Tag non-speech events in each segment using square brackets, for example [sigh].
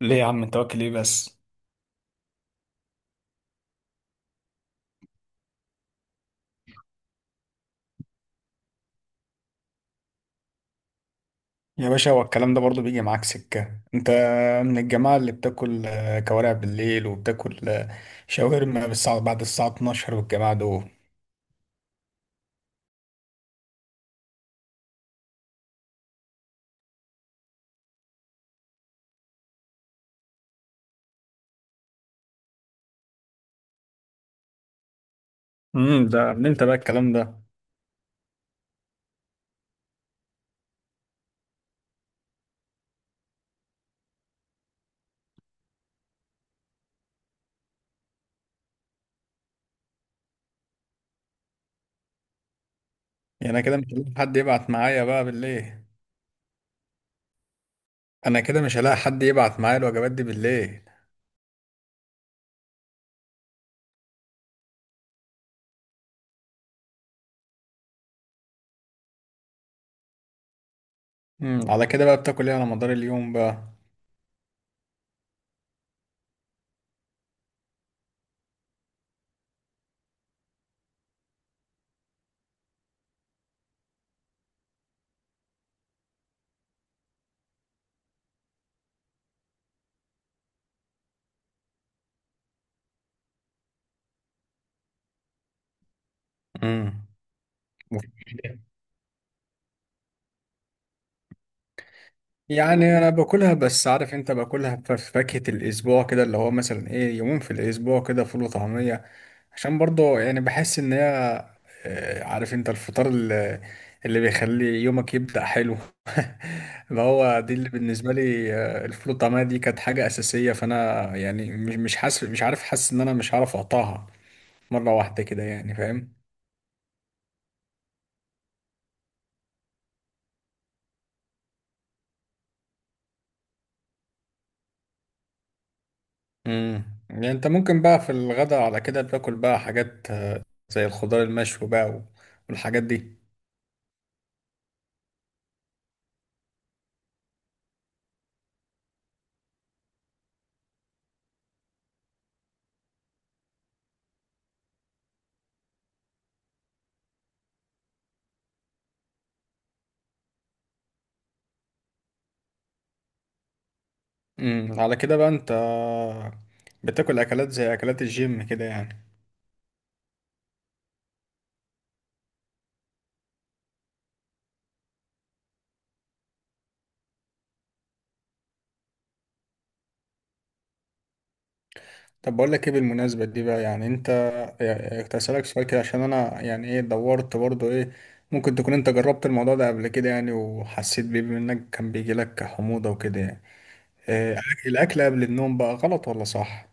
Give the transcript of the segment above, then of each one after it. ليه يا عم انت واكل ايه بس؟ يا باشا هو الكلام ده برضه بيجي معاك سكة؟ انت من الجماعة اللي بتاكل كوارع بالليل وبتاكل شاورما بالساعة بعد الساعة 12 والجماعة دول. امم، ده من انت بقى الكلام ده؟ يعني انا كده مش هلاقي حد يبعت معايا بقى بالليل. انا كده مش هلاقي حد يبعت معايا الوجبات دي بالليل. امم، على كده بقى بتاكل ايه على مدار اليوم بقى؟ امم. يعني انا باكلها بس عارف، انت باكلها في فاكهة الاسبوع كده، اللي هو مثلا ايه، يومين في الاسبوع كده فول وطعمية، عشان برضه يعني بحس ان هي عارف، انت الفطار اللي بيخلي يومك يبدأ حلو. [laughs] ما هو دي اللي بالنسبة لي، الفول والطعمية دي كانت حاجة أساسية، فانا يعني مش حاسس، مش عارف، حاسس ان انا مش عارف اقطعها مرة واحدة كده يعني، فاهم. امم. يعني انت ممكن بقى في الغداء على كده بتاكل بقى حاجات زي الخضار المشوي بقى والحاجات دي. امم، على كده بقى انت بتاكل اكلات زي اكلات الجيم كده يعني. طب بقول لك ايه، بالمناسبه دي بقى يعني انت، يعني كنت هسألك سؤال كده، عشان انا يعني ايه دورت برضو ايه، ممكن تكون انت جربت الموضوع ده قبل كده يعني وحسيت بيه، بما انك كان بيجي لك حموضه وكده يعني. إيه الاكل قبل النوم بقى، غلط ولا صح؟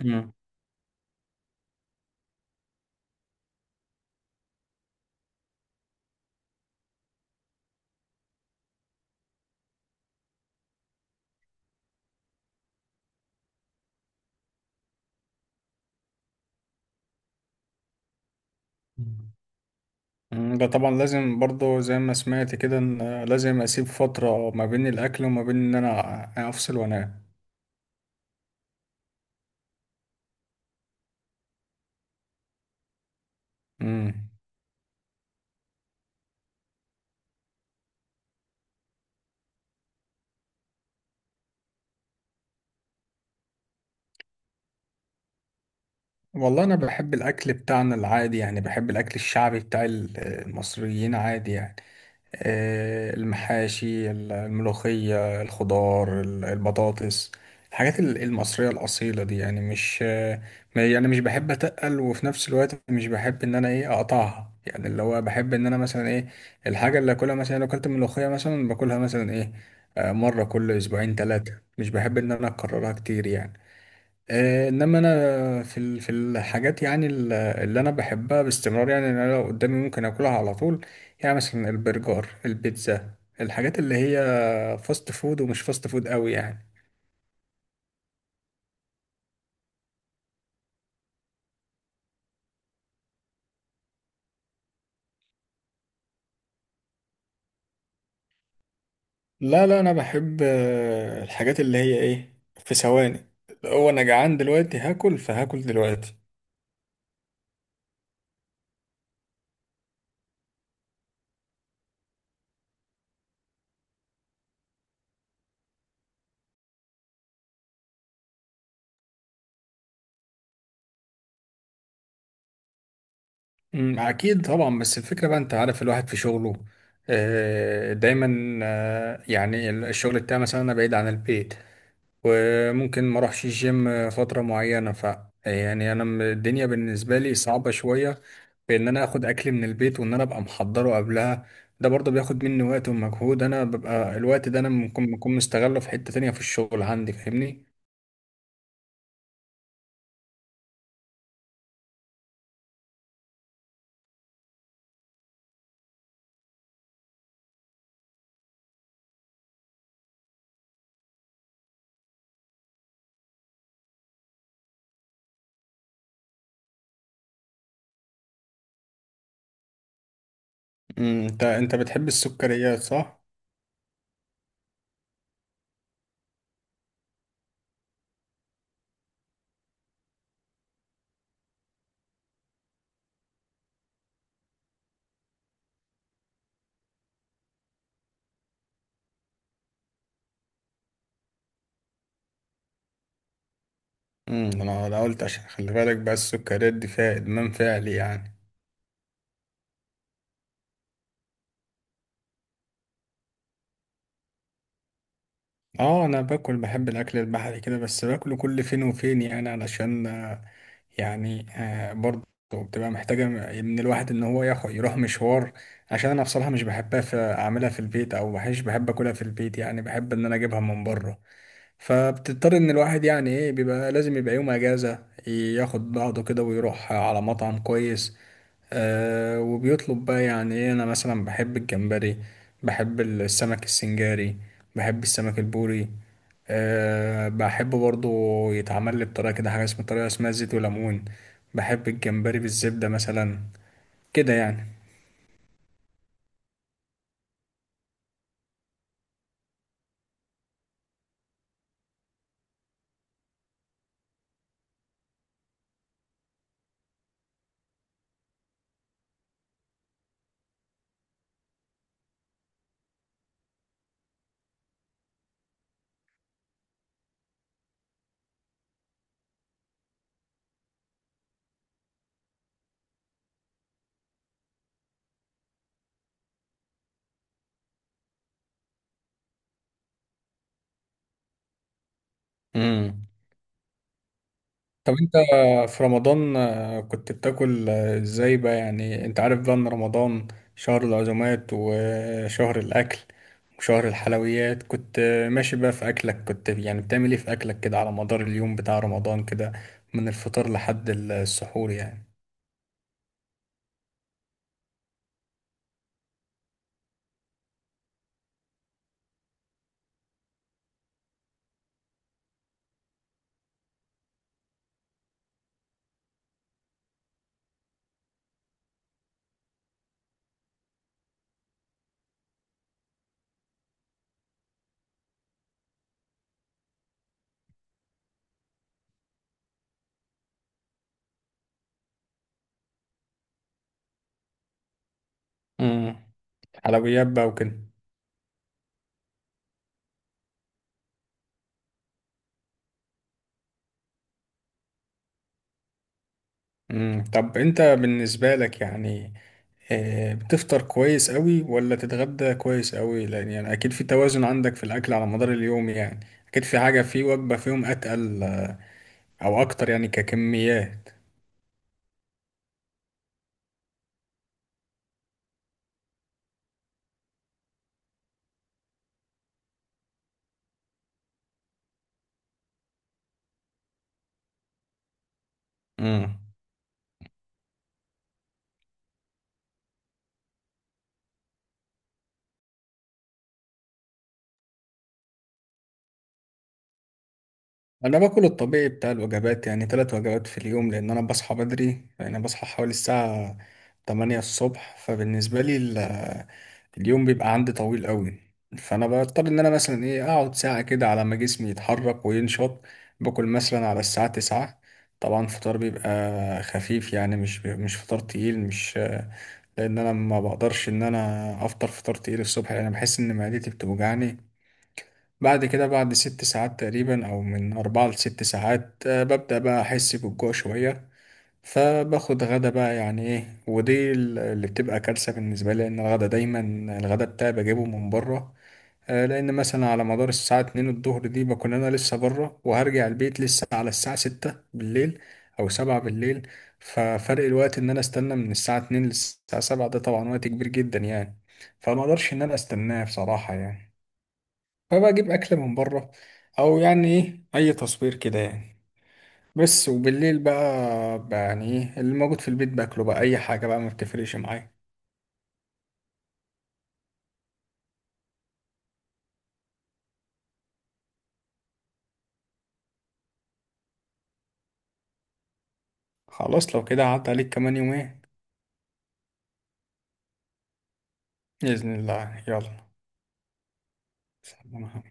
امم. مم، ده طبعا لازم، برضو زي ما سمعت كده ان لازم اسيب فتره ما بين الاكل وما بين ان انا افصل وانام. امم. والله انا بحب الاكل بتاعنا العادي يعني، بحب الاكل الشعبي بتاع المصريين عادي يعني. المحاشي، الملوخية، الخضار، البطاطس، الحاجات المصرية الأصيلة دي يعني. مش يعني مش بحب أتقل، وفي نفس الوقت مش بحب إن أنا إيه أقطعها يعني، اللي هو بحب إن أنا مثلا إيه، الحاجة اللي أكلها، مثلا لو أكلت ملوخية مثلا باكلها مثلا إيه، مرة كل أسبوعين ثلاثة، مش بحب إن أنا أكررها كتير يعني. انما انا في في الحاجات يعني اللي انا بحبها باستمرار يعني، إن انا لو قدامي ممكن اكلها على طول، يعني مثلا البرجر، البيتزا، الحاجات اللي هي فاست فود ومش فاست فود قوي يعني. لا لا، انا بحب الحاجات اللي هي ايه، في ثواني، هو انا جعان دلوقتي هاكل فهاكل دلوقتي. أمم، اكيد طبعا، بس الفكرة بقى انت عارف، الواحد في شغله دايما يعني الشغل بتاعي مثلا انا بعيد عن البيت، وممكن ما اروحش الجيم فترة معينة، ف يعني انا الدنيا بالنسبة لي صعبة شوية، بان انا اخد اكل من البيت وان انا ابقى محضره قبلها. ده برضه بياخد مني وقت ومجهود، انا ببقى الوقت ده انا ممكن بكون مستغله في حتة تانية في الشغل عندي، فاهمني. امم. انت بتحب السكريات صح؟ امم. انا قلت عشان خلي بالك بقى، السكريات دي فيها ادمان فعلي يعني. اه انا باكل، بحب الاكل البحري كده، بس باكله كل فين وفين يعني، علشان يعني برضه بتبقى محتاجة من الواحد إن هو ياخد يروح مشوار، عشان أنا بصراحة مش بحبها في، أعملها في البيت أو مش بحب أكلها في البيت يعني، بحب إن أنا أجيبها من بره، فبتضطر إن الواحد يعني إيه، بيبقى لازم يبقى يوم أجازة، ياخد بعضه كده ويروح على مطعم كويس. آه، وبيطلب بقى يعني ايه، انا مثلا بحب الجمبري، بحب السمك السنجاري، بحب السمك البوري. أه بحب برضو يتعمل لي بطريقة كده، حاجة اسمها طريقة اسمها زيت وليمون، بحب الجمبري بالزبدة مثلا، كده يعني. مم. طب انت في رمضان كنت بتاكل ازاي بقى؟ يعني انت عارف بقى ان رمضان شهر العزومات وشهر الاكل وشهر الحلويات، كنت ماشي بقى في اكلك؟ كنت يعني بتعمل ايه في اكلك كده على مدار اليوم بتاع رمضان كده، من الفطار لحد السحور يعني. امم. حلويات بقى وكده. امم. طب انت بالنسبة لك يعني بتفطر كويس قوي ولا تتغدى كويس قوي؟ لان يعني اكيد في توازن عندك في الاكل على مدار اليوم يعني، اكيد في حاجة في وجبة فيهم اتقل او اكتر يعني ككميات. امم. انا باكل الطبيعي بتاع الوجبات، يعني ثلاث وجبات في اليوم، لان انا بصحى بدري، يعني بصحى حوالي الساعة 8 الصبح، فبالنسبة لي اليوم بيبقى عندي طويل قوي، فانا بضطر ان انا مثلا ايه اقعد ساعة كده على ما جسمي يتحرك وينشط، باكل مثلا على الساعة 9. طبعا فطار بيبقى خفيف يعني، مش فطار تقيل، مش، لان انا ما بقدرش ان انا افطر فطار تقيل الصبح، لان بحس ان معدتي بتوجعني. بعد كده بعد ست ساعات تقريبا، أو من أربعة لست ساعات، ببدأ بقى أحس بالجوع شوية، فباخد غدا بقى يعني إيه، ودي اللي بتبقى كارثة بالنسبة لي، لأن الغدا دايما، الغدا بتاعي بجيبه من بره. لأن مثلا على مدار الساعة اتنين الظهر دي بكون أنا لسه بره، وهرجع البيت لسه على الساعة ستة بالليل أو سبعة بالليل، ففرق الوقت إن أنا استنى من الساعة اتنين للساعة سبعة، ده طبعا وقت كبير جدا يعني، فما أقدرش إن أنا أستناه بصراحة يعني، فبقى اجيب اكل من بره او يعني ايه اي تصوير كده يعني. بس وبالليل بقى يعني ايه، اللي موجود في البيت باكله بقى، اي حاجه بقى ما بتفرقش معايا. خلاص لو كده، عدى عليك كمان يومين باذن الله، يلا. سلام.